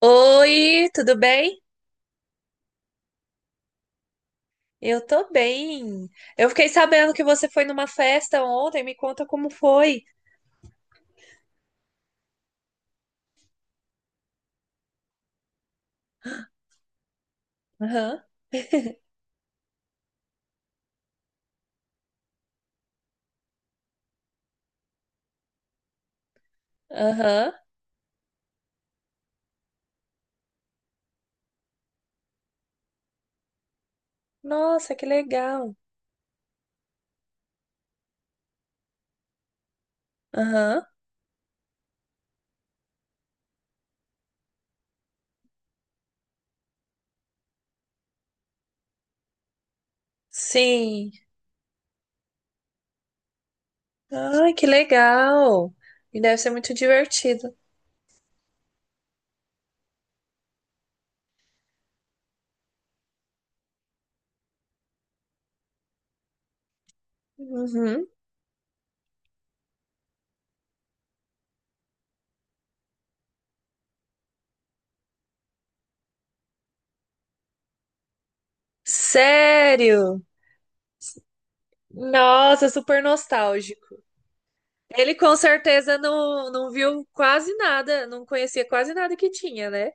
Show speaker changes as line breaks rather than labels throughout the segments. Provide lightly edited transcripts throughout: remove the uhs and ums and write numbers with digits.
Oi, tudo bem? Eu tô bem. Eu fiquei sabendo que você foi numa festa ontem, me conta como foi. Aham, aham. Nossa, que legal. Aham. Sim. Ai, que legal. E deve ser muito divertido. Uhum. Sério? Nossa, super nostálgico. Ele com certeza não viu quase nada, não conhecia quase nada que tinha, né?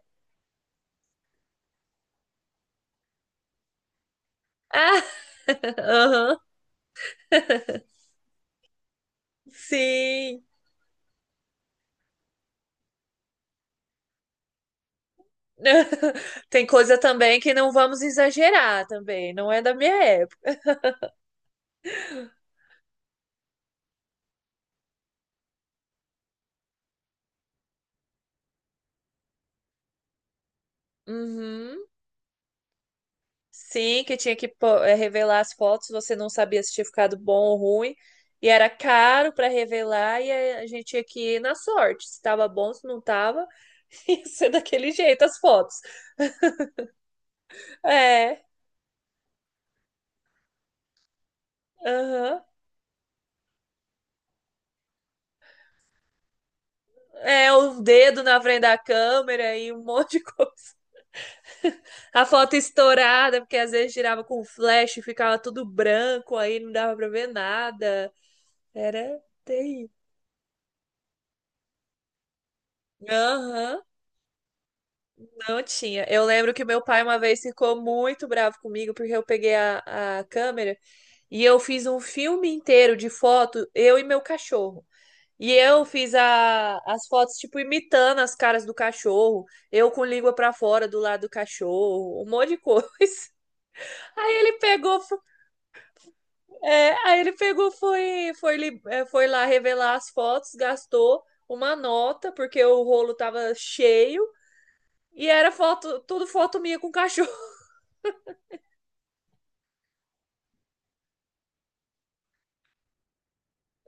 Ah, aham. Sim. Tem coisa também que não vamos exagerar também, não é da minha época. Uhum. Sim, que tinha que revelar as fotos, você não sabia se tinha ficado bom ou ruim, e era caro para revelar, e a gente tinha que ir na sorte, se estava bom, se não estava, ia ser daquele jeito as fotos. É, aham. É, o dedo na frente da câmera e um monte de coisa. A foto estourada, porque às vezes girava com flash, e ficava tudo branco, aí não dava pra ver nada. Era TI. Aham, não tinha. Eu lembro que meu pai uma vez ficou muito bravo comigo porque eu peguei a câmera e eu fiz um filme inteiro de foto, eu e meu cachorro. E eu fiz a, as fotos, tipo, imitando as caras do cachorro, eu com língua pra fora do lado do cachorro, um monte de coisa. Aí ele pegou, é, aí ele pegou, é, foi lá revelar as fotos, gastou uma nota, porque o rolo tava cheio. E era foto, tudo foto minha com cachorro.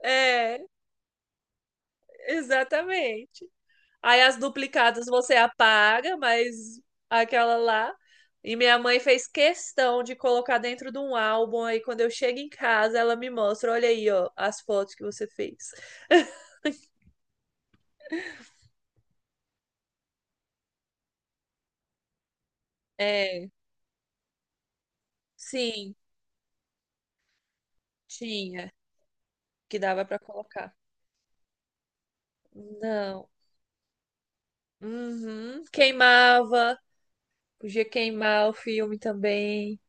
É, exatamente. Aí as duplicadas você apaga, mas aquela lá. E minha mãe fez questão de colocar dentro de um álbum. Aí quando eu chego em casa, ela me mostra: olha aí, ó, as fotos que você fez. É, sim, tinha, que dava pra colocar. Não. Uhum. Queimava, podia queimar o filme também.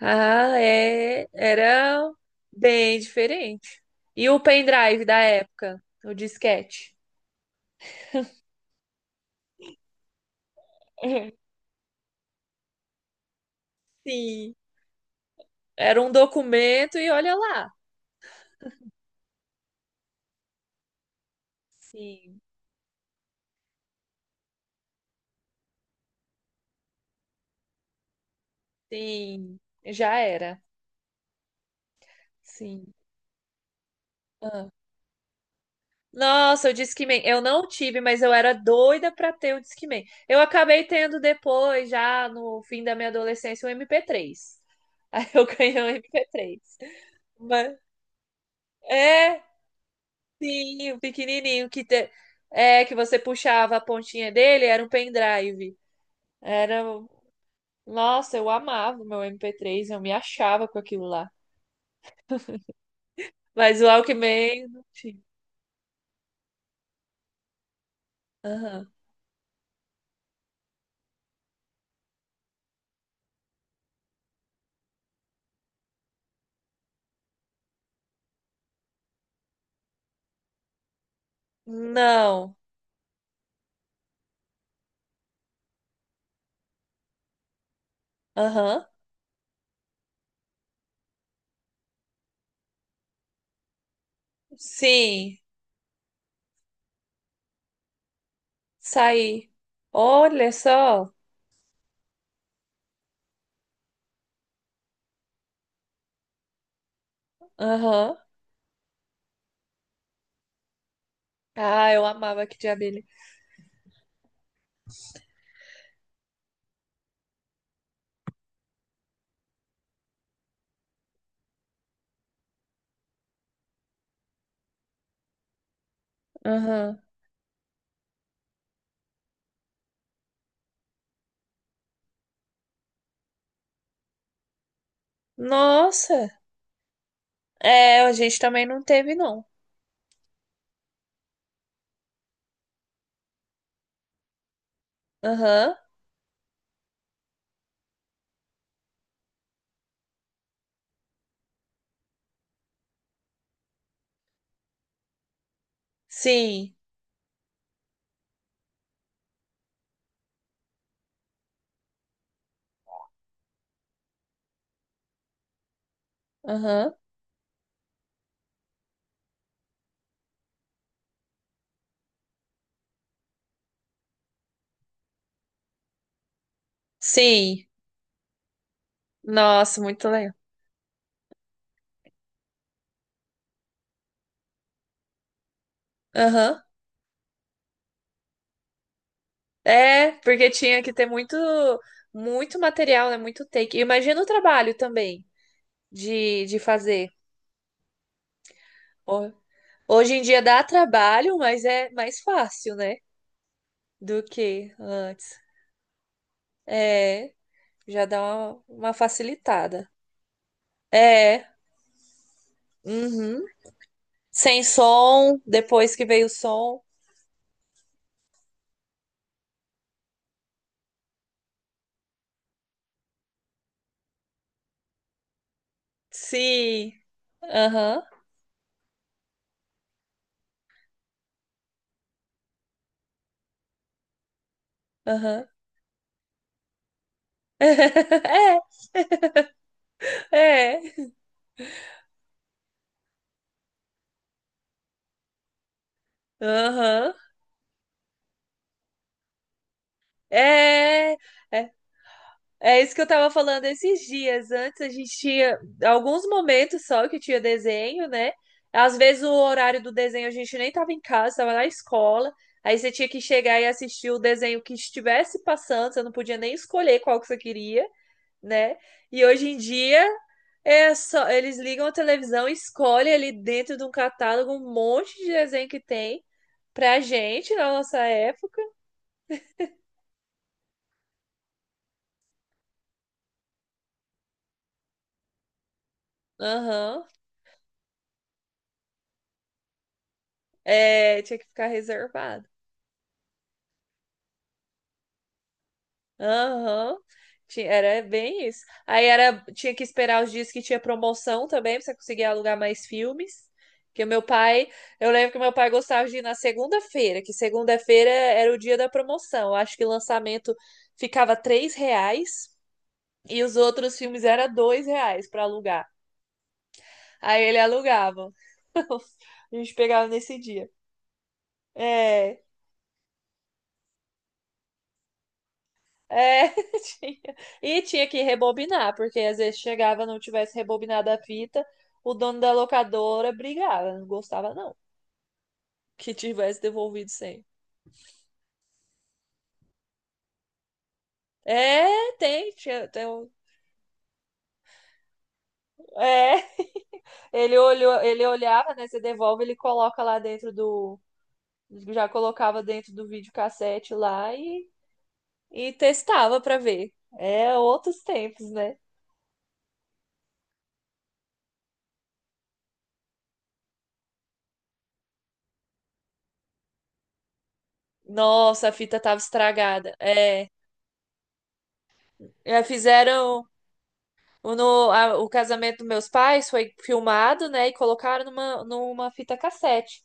Ah, é, era bem diferente. E o pendrive da época, o disquete? Sim, era um documento e olha lá. Sim. Sim, já era. Sim. Ah. Nossa, o Discman. Eu não tive, mas eu era doida pra ter o Discman. Eu acabei tendo depois, já no fim da minha adolescência, o MP3. Aí eu ganhei o MP3. Mas, é, sim, o pequenininho que te... é que você puxava a pontinha dele, era um pendrive. Era, nossa, eu amava o meu MP3, eu me achava com aquilo lá. Mas o Walkman, não tinha. Aham. Não. Aham. Sim. Saí. Olha só. Aham. Ah, eu amava aqui de abelha. Aham. Nossa, é, a gente também não teve, não. Aham. Sim. Aham. Sim. Nossa, muito legal. Aham. É, porque tinha que ter muito, muito material, né? Muito take. Imagina o trabalho também de fazer. Ho- Hoje em dia dá trabalho, mas é mais fácil, né? Do que antes. É, já dá uma facilitada. É. Uhum. Sem som, depois que veio o som. Sim. Aham. Aham. É, é. Aham. É, é. É isso que eu tava falando esses dias. Antes a gente tinha alguns momentos só que tinha desenho, né? Às vezes o horário do desenho a gente nem tava em casa, tava na escola. Aí você tinha que chegar e assistir o desenho que estivesse passando, você não podia nem escolher qual que você queria, né? E hoje em dia é só eles ligam a televisão, e escolhem ali dentro de um catálogo um monte de desenho que tem. Pra gente, na nossa época, aham, é, tinha que ficar reservado. Aham, era bem isso. Aí era, tinha que esperar os dias que tinha promoção também, pra você conseguir alugar mais filmes. Porque o meu pai, eu lembro que o meu pai gostava de ir na segunda-feira, que segunda-feira era o dia da promoção. Eu acho que o lançamento ficava três reais e os outros filmes era dois reais para alugar. Aí ele alugava. A gente pegava nesse dia. É. É, tinha. E tinha que rebobinar, porque às vezes chegava, não tivesse rebobinado a fita, o dono da locadora brigava, não gostava não, que tivesse devolvido sem. É, tem, tinha, tem um- é, ele olhava, né, você devolve, ele coloca lá dentro do, já colocava dentro do videocassete lá e testava pra ver. É, outros tempos, né? Nossa, a fita tava estragada. É, é, fizeram O, no- a- o casamento dos meus pais foi filmado, né? E colocaram numa, numa fita cassete.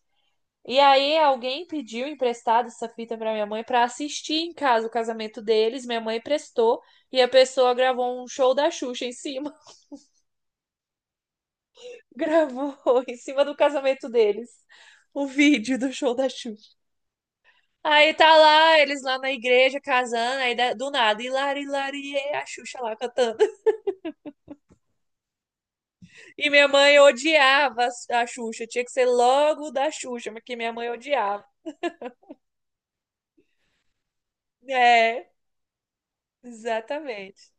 E aí alguém pediu emprestado essa fita para minha mãe para assistir em casa o casamento deles. Minha mãe prestou e a pessoa gravou um show da Xuxa em cima. Gravou em cima do casamento deles. O vídeo do show da Xuxa. Aí tá lá, eles lá na igreja casando, aí do nada, hilari, hilari, e a Xuxa lá cantando. E minha mãe odiava a Xuxa. Tinha que ser logo da Xuxa, porque minha mãe odiava. É, exatamente.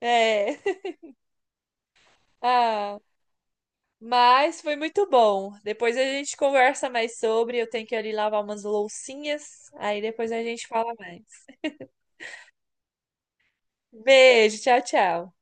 É. Ah, mas foi muito bom. Depois a gente conversa mais sobre. Eu tenho que ali lavar umas loucinhas. Aí depois a gente fala mais. Beijo, tchau, tchau.